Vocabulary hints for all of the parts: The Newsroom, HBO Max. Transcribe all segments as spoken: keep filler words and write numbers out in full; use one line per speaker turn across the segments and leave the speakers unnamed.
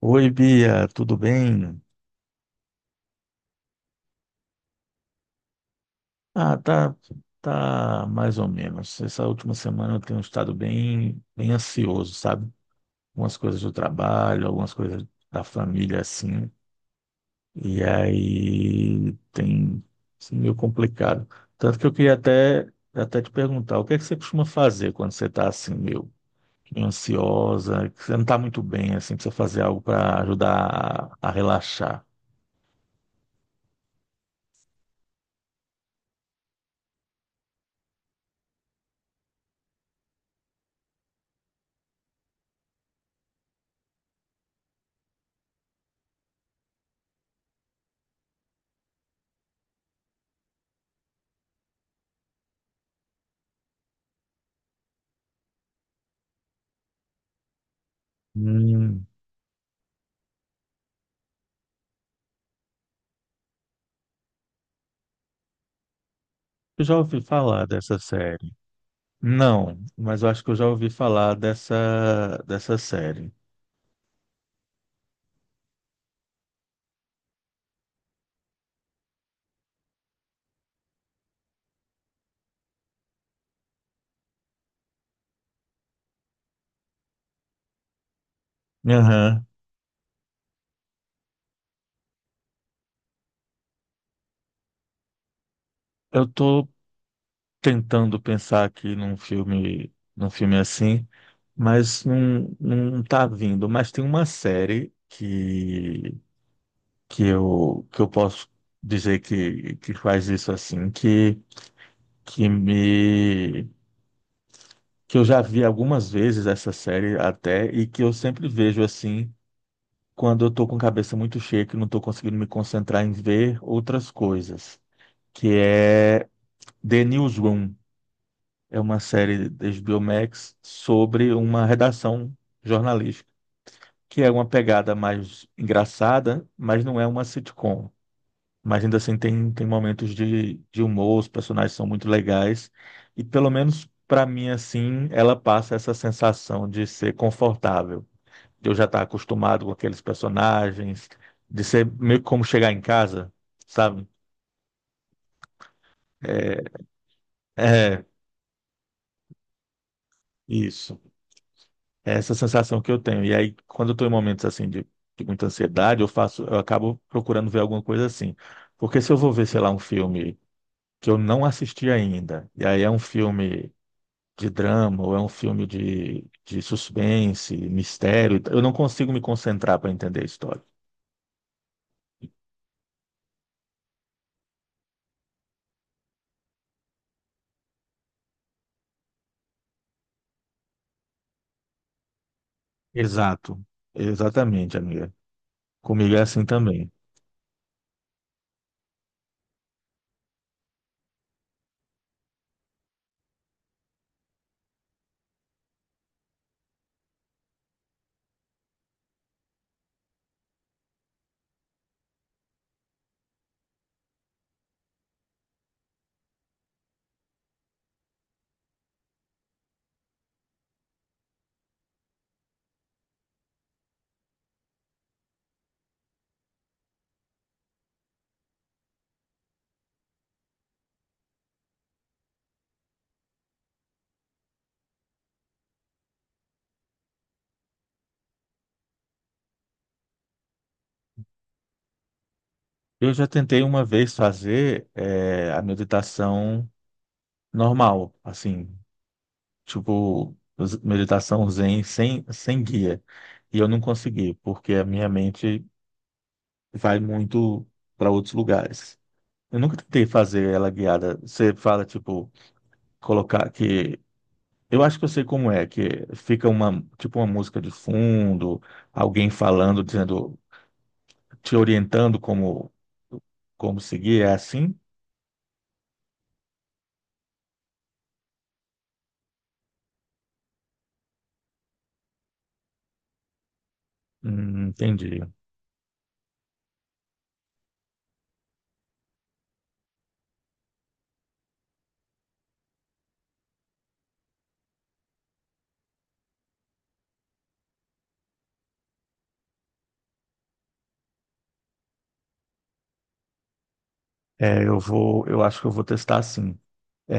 Oi, Bia, tudo bem? Ah, tá, tá mais ou menos. Essa última semana eu tenho estado bem, bem ansioso, sabe? Algumas coisas do trabalho, algumas coisas da família, assim. E aí tem sido meio complicado. Tanto que eu queria até, até te perguntar, o que é que você costuma fazer quando você está assim, meio, meio ansiosa, que você não está muito bem, assim, precisa fazer algo para ajudar a, a relaxar? Hum, eu já ouvi falar dessa série. Não, mas eu acho que eu já ouvi falar dessa, dessa série. Aham. Eu tô tentando pensar aqui num filme, num filme assim, mas não, não tá vindo. Mas tem uma série que, que eu, que eu posso dizer que, que faz isso assim, que, que me, que eu já vi algumas vezes essa série até, e que eu sempre vejo assim, quando eu tô com a cabeça muito cheia, que não tô conseguindo me concentrar em ver outras coisas, que é The Newsroom, é uma série da HBO Max sobre uma redação jornalística, que é uma pegada mais engraçada, mas não é uma sitcom. Mas ainda assim tem, tem momentos de, de humor, os personagens são muito legais, e pelo menos para mim assim, ela passa essa sensação de ser confortável, de eu já estar acostumado com aqueles personagens, de ser meio que como chegar em casa, sabe? É, é isso. É essa sensação que eu tenho. E aí, quando eu estou em momentos assim de, de muita ansiedade, eu faço, eu acabo procurando ver alguma coisa assim. Porque se eu vou ver, sei lá, um filme que eu não assisti ainda, e aí é um filme de drama, ou é um filme de, de suspense, mistério. Eu não consigo me concentrar para entender a história. Exato. Exatamente, amiga. Comigo é assim também. Eu já tentei uma vez fazer eh, a meditação normal, assim, tipo, z- meditação zen sem, sem guia. E eu não consegui, porque a minha mente vai muito para outros lugares. Eu nunca tentei fazer ela guiada. Você fala, tipo, colocar que. Eu acho que eu sei como é, que fica uma, tipo, uma música de fundo, alguém falando, dizendo, te orientando como, como seguir, é assim? Hum, entendi. É, eu vou, eu acho que eu vou testar assim. É,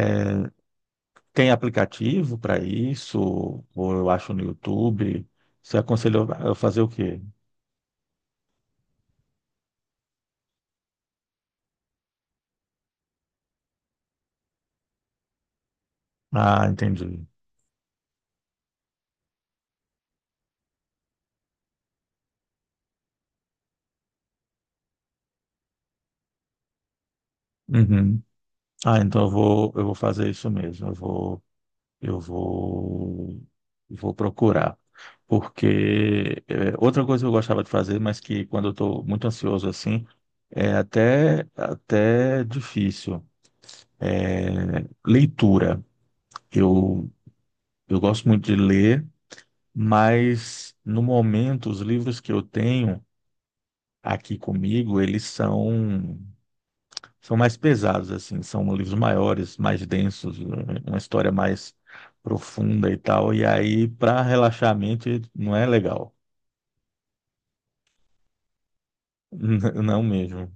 tem aplicativo para isso? Ou eu acho no YouTube? Você aconselhou a fazer o quê? Ah, entendi. Uhum. Ah, então eu vou, eu vou fazer isso mesmo. Eu vou, eu vou, Vou procurar. Porque é, outra coisa que eu gostava de fazer, mas que quando eu estou muito ansioso assim, é até, até difícil. é Leitura. Eu, eu gosto muito de ler, mas no momento os livros que eu tenho aqui comigo, eles são são mais pesados, assim, são livros maiores, mais densos, um, uma história mais profunda e tal. E aí, para relaxar a mente, não é legal. N- Não mesmo.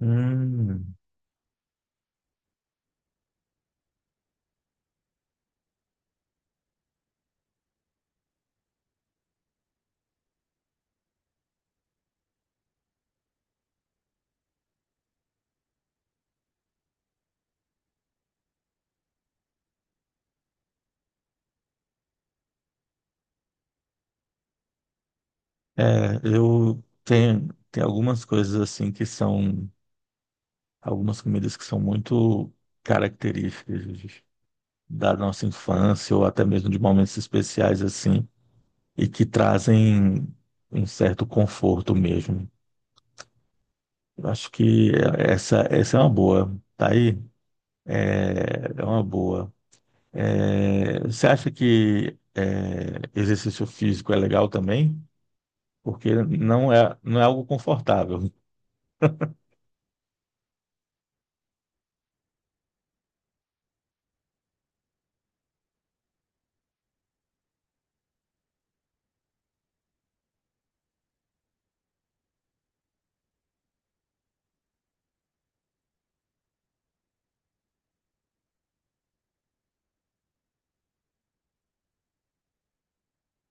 Hum, é, eu tenho, tem algumas coisas assim que são, algumas comidas que são muito características da nossa infância ou até mesmo de momentos especiais assim, e que trazem um certo conforto mesmo. Eu acho que essa, essa é uma boa. Tá aí? É, é uma boa. É, você acha que é, exercício físico é legal também? Porque não é, não é algo confortável.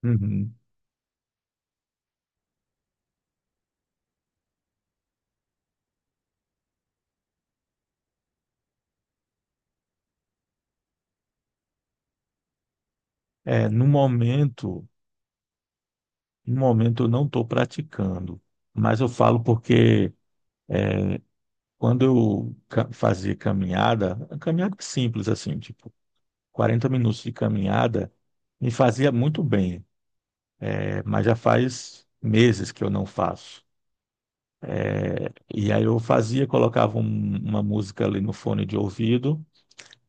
Uhum. É, no momento, no momento eu não estou praticando, mas eu falo porque quando eu ca- fazia caminhada, caminhada simples assim, tipo quarenta minutos de caminhada, me fazia muito bem. É, mas já faz meses que eu não faço. É, e aí eu fazia, colocava um- uma música ali no fone de ouvido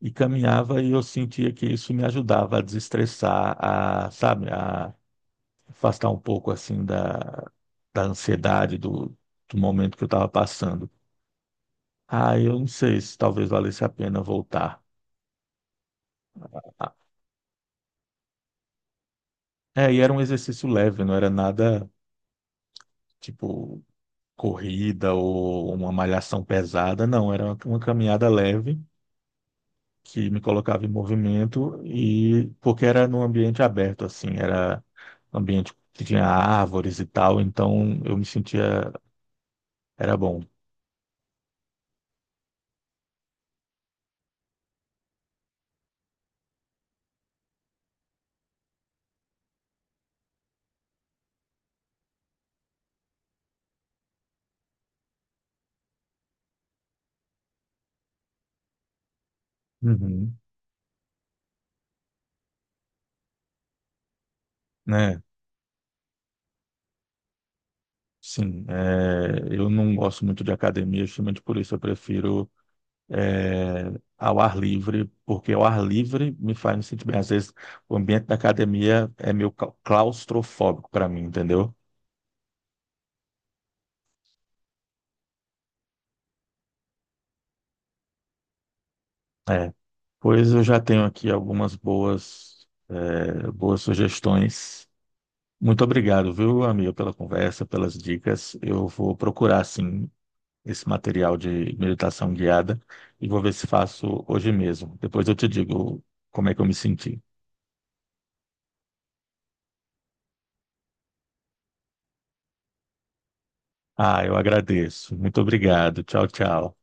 e caminhava e eu sentia que isso me ajudava a desestressar, a, sabe, a afastar um pouco assim da, da ansiedade do, do momento que eu estava passando. Ah, eu não sei se talvez valesse a pena voltar. Ah, é, e era um exercício leve, não era nada tipo corrida ou uma malhação pesada, não, era uma uma caminhada leve que me colocava em movimento e porque era num ambiente aberto assim, era um ambiente que tinha árvores e tal, então eu me sentia, era bom. Uhum. Né? Sim, é, eu não gosto muito de academia, justamente por isso eu prefiro, é, ao ar livre, porque ao ar livre me faz me sentir bem. Às vezes o ambiente da academia é meio clau- claustrofóbico para mim, entendeu? É, pois eu já tenho aqui algumas boas, é, boas sugestões. Muito obrigado, viu, amigo, pela conversa, pelas dicas. Eu vou procurar, sim, esse material de meditação guiada e vou ver se faço hoje mesmo. Depois eu te digo como é que eu me senti. Ah, eu agradeço. Muito obrigado. Tchau, tchau.